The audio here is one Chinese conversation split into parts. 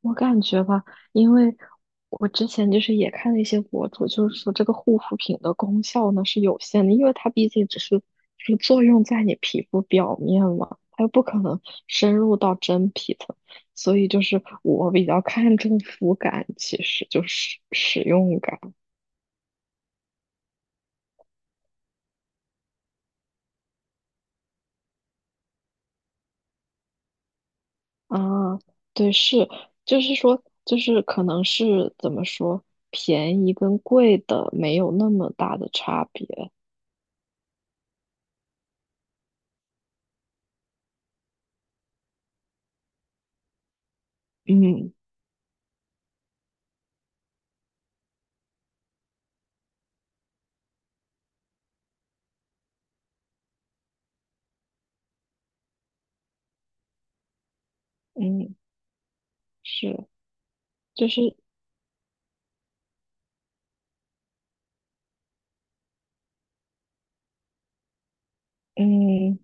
我感觉吧，因为我之前就是也看了一些博主，就是说这个护肤品的功效呢是有限的，因为它毕竟只是就是作用在你皮肤表面嘛，它又不可能深入到真皮层，所以就是我比较看重肤感，其实就是使用感啊，对，是，就是说，就是可能是怎么说，便宜跟贵的没有那么大的差别，嗯嗯。是，就是嗯，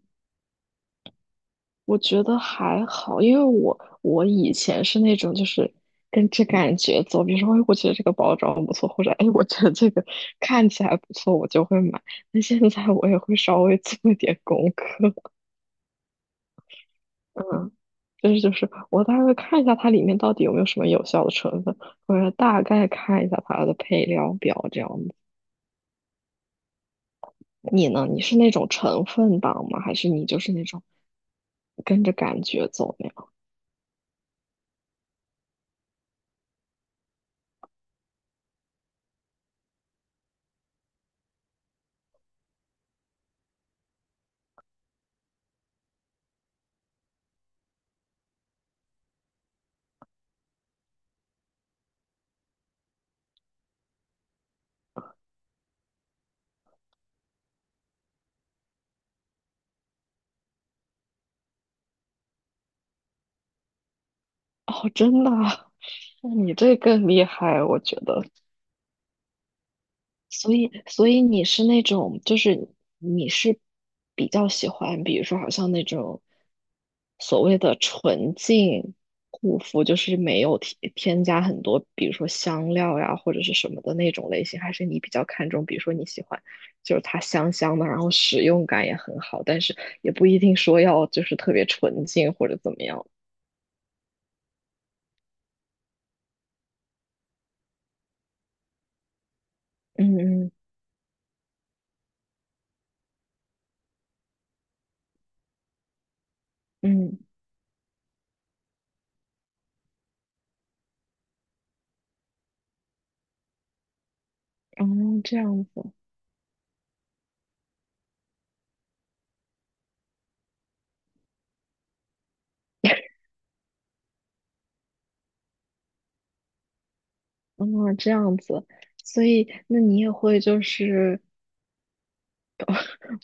我觉得还好，因为我以前是那种就是跟着感觉走，比如说，哎，我觉得这个包装不错，或者哎，我觉得这个看起来不错，我就会买。那现在我也会稍微做一点功课，嗯，就是我大概会看一下它里面到底有没有什么有效的成分，或者大概看一下它的配料表这样子。你呢？你是那种成分党吗？还是你就是那种跟着感觉走？哦，真的啊。那你这更厉害，我觉得。所以，你是那种，就是你是比较喜欢，比如说，好像那种所谓的纯净护肤，就是没有添加很多，比如说香料呀或者是什么的那种类型，还是你比较看重，比如说你喜欢就是它香香的，然后使用感也很好，但是也不一定说要就是特别纯净或者怎么样。嗯嗯嗯，嗯哦，这样子。嗯，这样子，所以那你也会就是，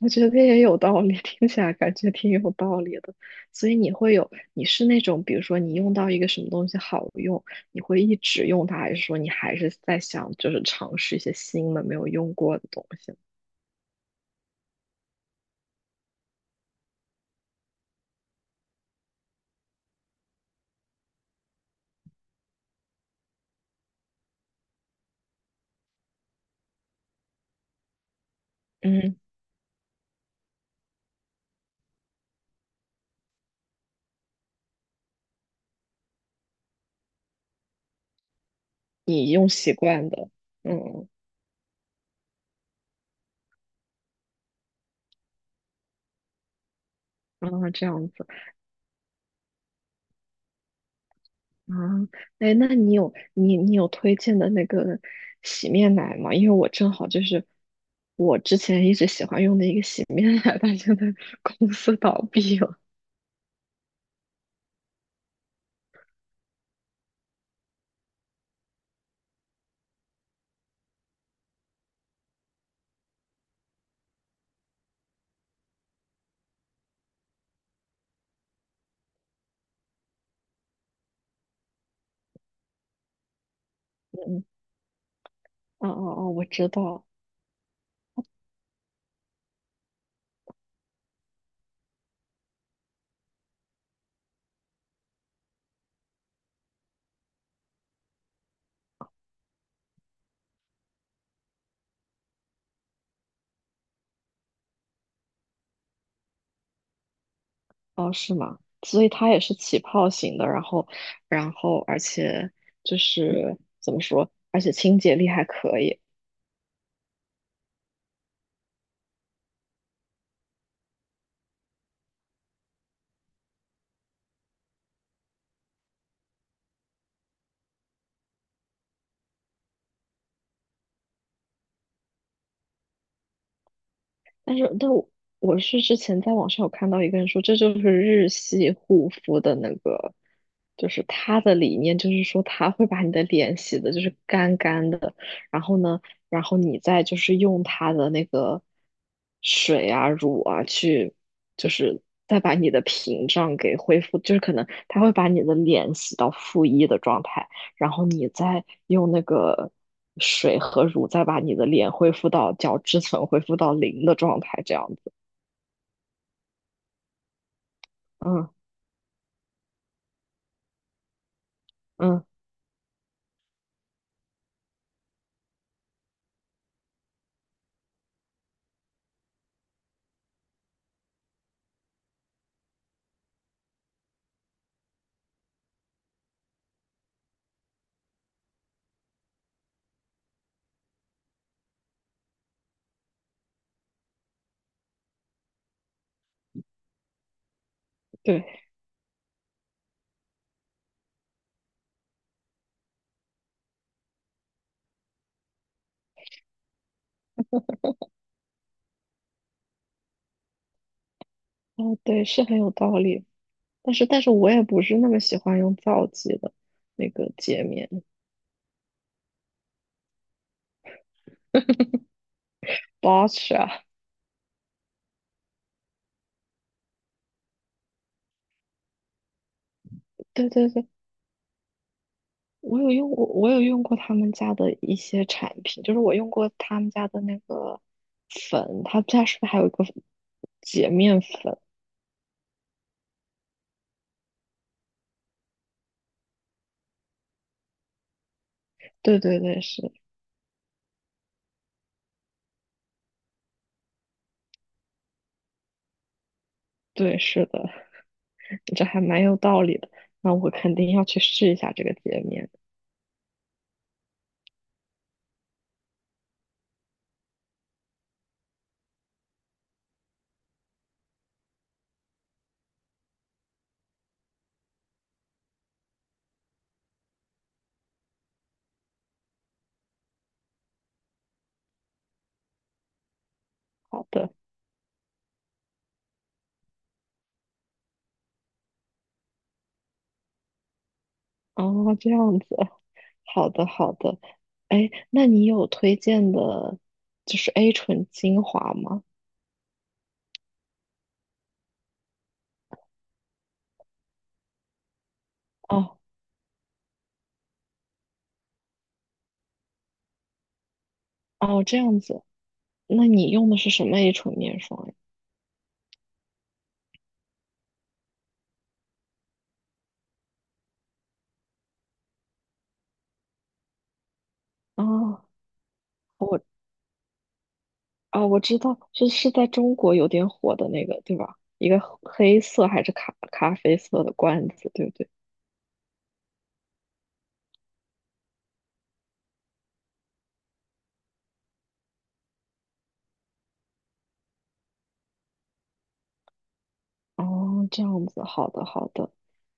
我觉得也有道理，听起来感觉挺有道理的。所以你会有，你是那种，比如说你用到一个什么东西好用，你会一直用它，还是说你还是在想就是尝试一些新的没有用过的东西？嗯，你用习惯的，嗯，啊，这样子。啊，哎，那你有推荐的那个洗面奶吗？因为我正好就是我之前一直喜欢用的一个洗面奶，但现在 公司倒闭了。嗯，哦哦哦，我知道，哦，是吗？所以它也是起泡型的，然后而且就是怎么说，而且清洁力还可以。但我是之前在网上有看到一个人说，这就是日系护肤的那个，就是他的理念就是说，他会把你的脸洗的就是干干的，然后呢，然后你再就是用他的那个水啊、乳啊去，就是再把你的屏障给恢复，就是可能他会把你的脸洗到负一的状态。然后你再用那个水和乳再把你的脸恢复到角质层恢复到零的状态，这样子。嗯嗯，对，哦对，是很有道理。但是我也不是那么喜欢用皂基的那个洁面 BOSH 啊，对对对，我有用过他们家的一些产品，就是我用过他们家的那个粉，他们家是不是还有一个洁面粉？对对对，是，对是的。这还蛮有道理的。那我肯定要去试一下这个洁面。好的，哦，这样子，好的，好的。哎，那你有推荐的，就是 A 醇精华吗？哦，哦，这样子。那你用的是什么 A 醇面霜呀？啊，我我知道，是在中国有点火的那个，对吧？一个黑色还是咖啡色的罐子，对不对？哦，这样子，好的好的，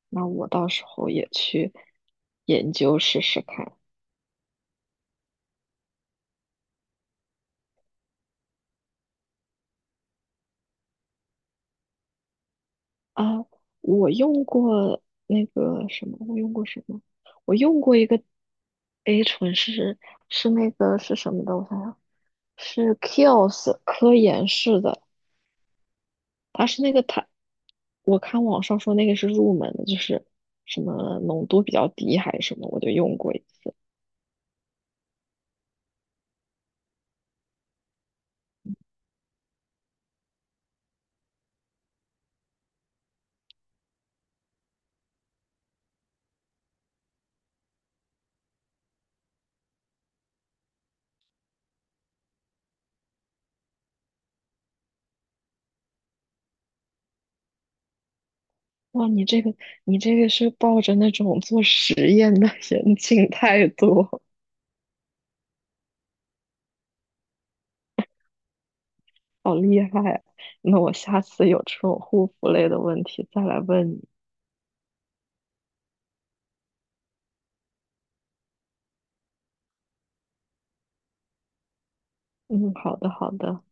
那我到时候也去研究试试看啊。我用过那个什么，我用过什么？我用过一个 A 醇是那个是什么的？我想想，是 Kiehl's 科颜氏的，它是那个它，我看网上说那个是入门的，就是什么浓度比较低还是什么，我就用过一次。哇，你这个是抱着那种做实验的 严谨态度，好厉害啊。那我下次有这种护肤类的问题再来问你。嗯，好的好的。